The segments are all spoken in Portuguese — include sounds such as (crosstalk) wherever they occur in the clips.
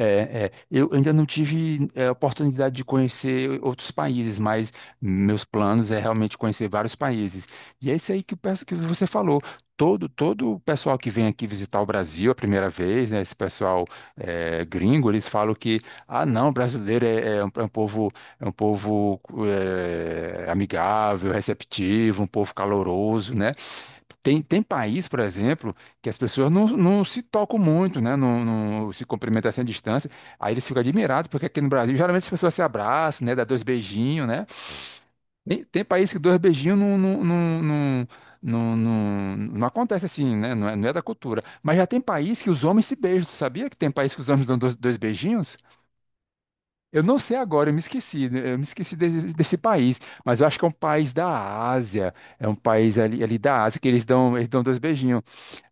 É. Eu ainda não tive oportunidade de conhecer outros países, mas meus planos é realmente conhecer vários países. E é isso aí que você falou. Todo o pessoal que vem aqui visitar o Brasil a primeira vez, né, esse pessoal gringo, eles falam que, ah, não, brasileiro é um povo amigável, receptivo, um povo caloroso, né? Tem país, por exemplo, que as pessoas não se tocam muito, né? Não se cumprimentam assim à distância. Aí eles ficam admirados, porque aqui no Brasil, geralmente as pessoas se abraçam, né? Dá dois beijinhos, né? Tem país que dois beijinhos não acontece assim, né? Não é da cultura. Mas já tem país que os homens se beijam. Tu sabia que tem país que os homens dão dois beijinhos? Eu não sei agora, eu me esqueci, né? Eu me esqueci desse país, mas eu acho que é um país da Ásia, é um país ali da Ásia que eles dão dois beijinhos.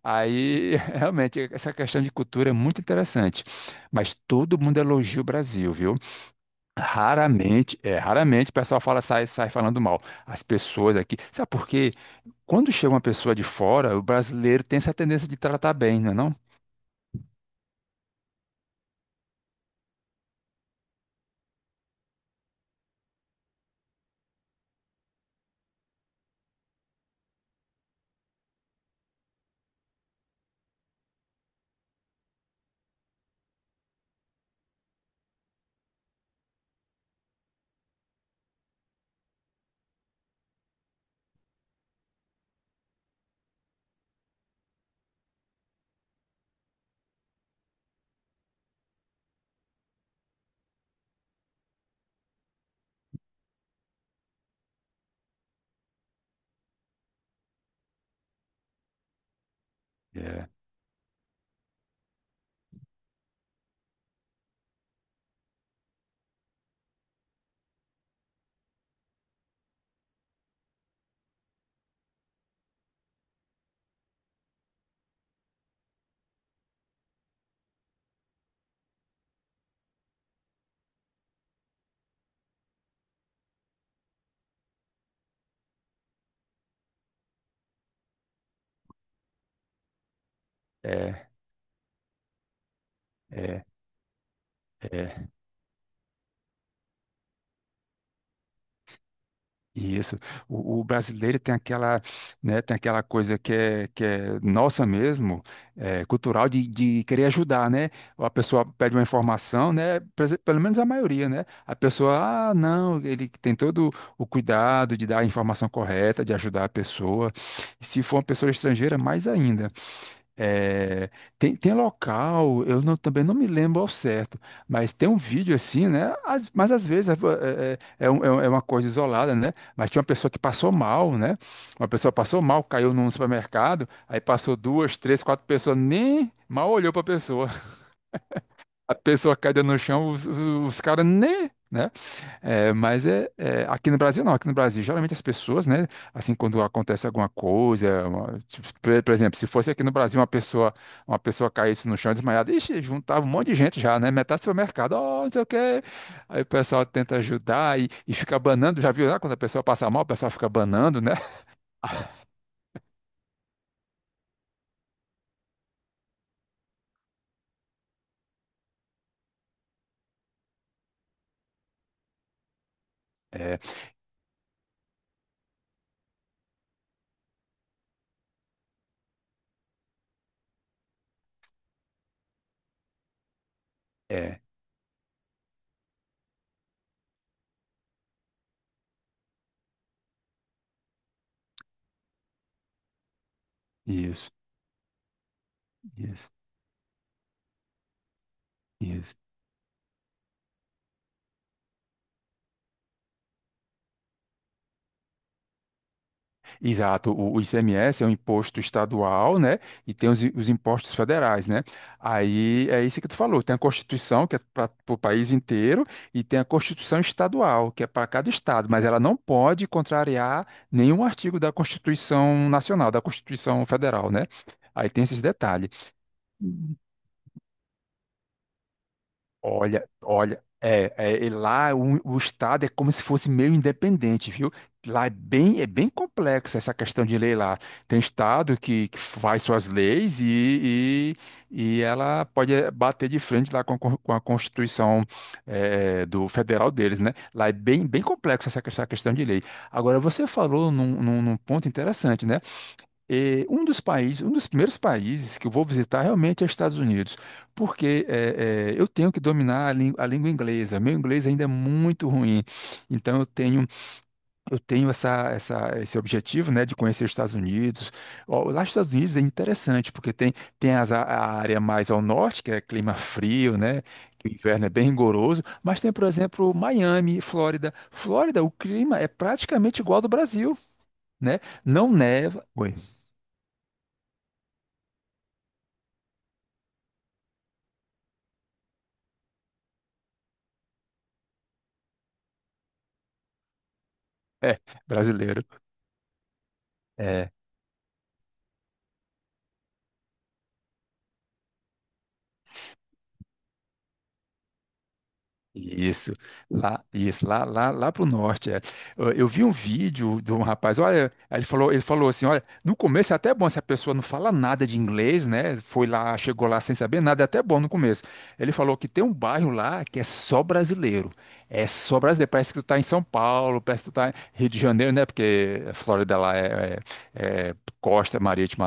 Aí, (laughs) realmente, essa questão de cultura é muito interessante. Mas todo mundo elogia o Brasil, viu? Raramente o pessoal fala, sai falando mal. As pessoas aqui. Sabe por quê? Quando chega uma pessoa de fora, o brasileiro tem essa tendência de tratar bem, não é não? É, é, é. É. Isso. O brasileiro tem aquela, né, tem aquela coisa que que é nossa mesmo, é, cultural, de querer ajudar, né? A pessoa pede uma informação, né? Pelo menos a maioria, né? A pessoa, ah, não, ele tem todo o cuidado de dar a informação correta, de ajudar a pessoa. Se for uma pessoa estrangeira, mais ainda. É, tem local, eu não- também não me lembro ao certo, mas tem um vídeo assim, né? Mas às vezes é- é é uma coisa isolada, né? Mas tinha uma pessoa que passou mal, né? Uma pessoa passou mal, caiu num supermercado, aí passou duas, três, quatro pessoas, nem mal olhou para a pessoa, a pessoa caída no chão, os caras nem, né? Aqui no Brasil não, aqui no Brasil geralmente as pessoas, né? Assim quando acontece alguma coisa, tipo, por exemplo, se fosse aqui no Brasil uma pessoa caísse no chão desmaiada, ixi, juntava um monte de gente já, né? Metade do supermercado, ó, não sei o quê. Aí o pessoal tenta ajudar e fica banando, já viu lá quando a pessoa passa mal, o pessoal fica banando, né? (laughs) É, é, isso, isso, isso. Exato, o ICMS é um imposto estadual, né? E tem os impostos federais, né? Aí é isso que tu falou: tem a Constituição, que é para o país inteiro, e tem a Constituição estadual, que é para cada estado, mas ela não pode contrariar nenhum artigo da Constituição Nacional, da Constituição Federal, né? Aí tem esses detalhes. E lá o Estado é como se fosse meio independente, viu? É bem complexa essa questão de lei lá. Tem Estado que faz suas leis e ela pode bater de frente lá com, com a Constituição do federal deles, né? Bem complexa essa questão de lei. Agora, você falou num, num ponto interessante, né? E um dos países, um dos primeiros países que eu vou visitar realmente é os Estados Unidos, porque eu tenho que dominar a língua inglesa. Meu inglês ainda é muito ruim, então eu tenho esse objetivo, né, de conhecer os Estados Unidos. Ó, lá nos Estados Unidos é interessante, porque tem, tem as a área mais ao norte, que é clima frio, né? Que o inverno é bem rigoroso, mas tem, por exemplo, Miami, Flórida. Flórida, o clima é praticamente igual ao do Brasil, né? Não neva. Oi. É, brasileiro. É, isso. Lá pro norte, é. Eu vi um vídeo de um rapaz, olha, aí ele falou assim, olha, no começo é até bom se a pessoa não fala nada de inglês, né? Foi lá, chegou lá sem saber nada, é até bom no começo. Ele falou que tem um bairro lá que é só brasileiro. É só brasileiro. Parece que tu tá em São Paulo, parece que tu tá em Rio de Janeiro, né? Porque a Flórida lá é costa marítima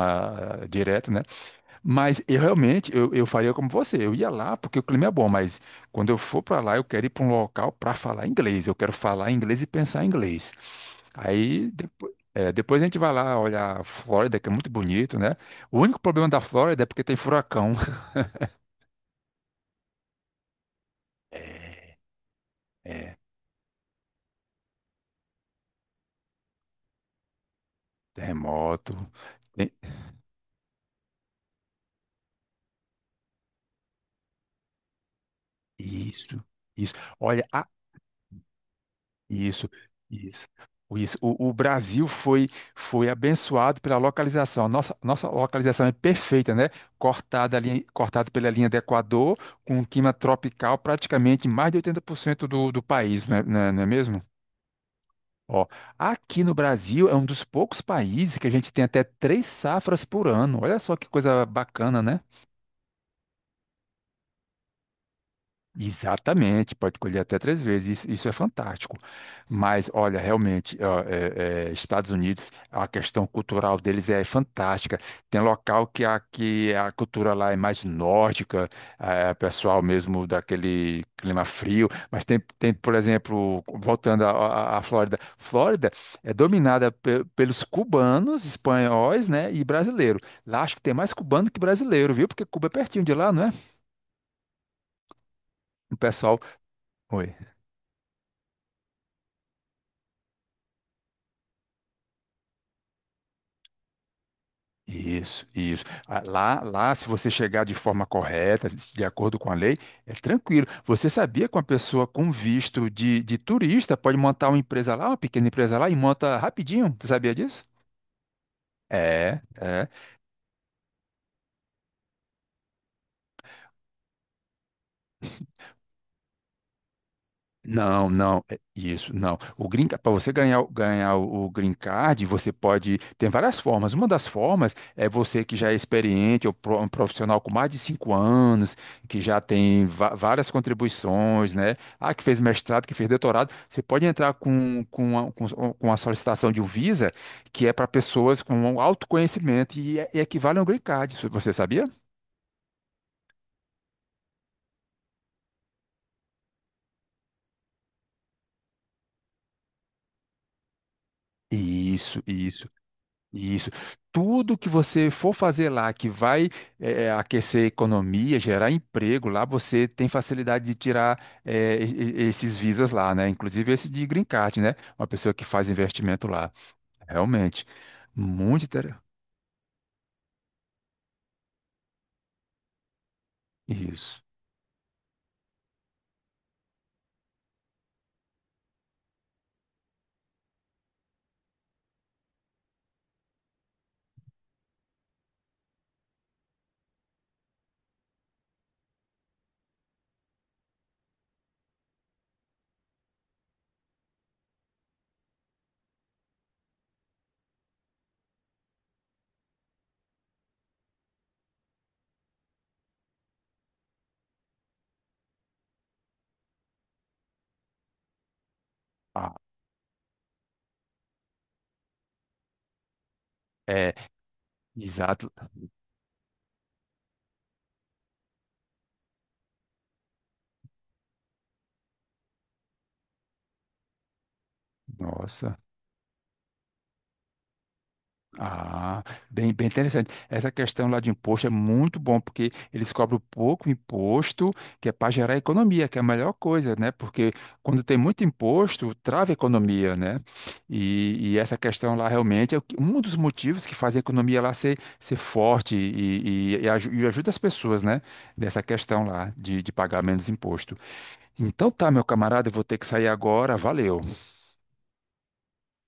ah, direto, né? Mas eu realmente, eu faria como você. Eu ia lá porque o clima é bom, mas quando eu for para lá, eu quero ir para um local para falar inglês. Eu quero falar inglês e pensar inglês. Aí depois, é, depois a gente vai lá olhar a Flórida, que é muito bonito, né? O único problema da Flórida é porque tem furacão. (laughs) É, terremoto. tem- Isso, isso. Olha, Isso, isso, isso. O Brasil foi foi abençoado pela localização. A nossa, nossa localização é perfeita, né? Cortada ali, cortado pela linha do Equador, com um clima tropical, praticamente mais de 80% do país, não é mesmo? Ó, aqui no Brasil é um dos poucos países que a gente tem até três safras por ano. Olha só que coisa bacana, né? Exatamente, pode colher até três vezes, isso é fantástico. Mas, olha, realmente, ó, é, é, Estados Unidos, a questão cultural deles é fantástica. Tem local que a cultura lá é mais nórdica, é pessoal mesmo daquele clima frio, mas tem, tem por exemplo, voltando à Flórida, Flórida é dominada pelos cubanos, espanhóis, né, e brasileiro. Lá acho que tem mais cubano que brasileiro, viu? Porque Cuba é pertinho de lá, não é? O pessoal. Oi. Isso, isso. Ah, lá, se você chegar de forma correta, de acordo com a lei, é tranquilo. Você sabia que uma pessoa com visto de turista pode montar uma empresa lá, uma pequena empresa lá, e monta rapidinho? Você sabia disso? É, é. Não, não, é isso, não. O green, para você ganhar, ganhar o green card, você pode. Tem várias formas. Uma das formas é você que já é experiente, um profissional com mais de 5 anos, que já tem várias contribuições, né? Ah, que fez mestrado, que fez doutorado. Você pode entrar com a solicitação de um Visa, que é para pessoas com um alto conhecimento e equivale a um green card. Isso, você sabia? Isso, isso. Isso. Tudo que você for fazer lá que vai aquecer a economia, gerar emprego lá, você tem facilidade de tirar esses visas lá, né? Inclusive esse de green card, né? Uma pessoa que faz investimento lá. Realmente. Muito interessante. Isso. Ah, é, exato. Nossa. Ah, bem, bem interessante. Essa questão lá de imposto é muito bom, porque eles cobram pouco imposto, que é para gerar economia, que é a melhor coisa, né? Porque quando tem muito imposto, trava a economia, né? E essa questão lá realmente é um dos motivos que faz a economia lá ser forte e ajuda as pessoas, né? Dessa questão lá de pagar menos imposto. Então tá, meu camarada, eu vou ter que sair agora. Valeu.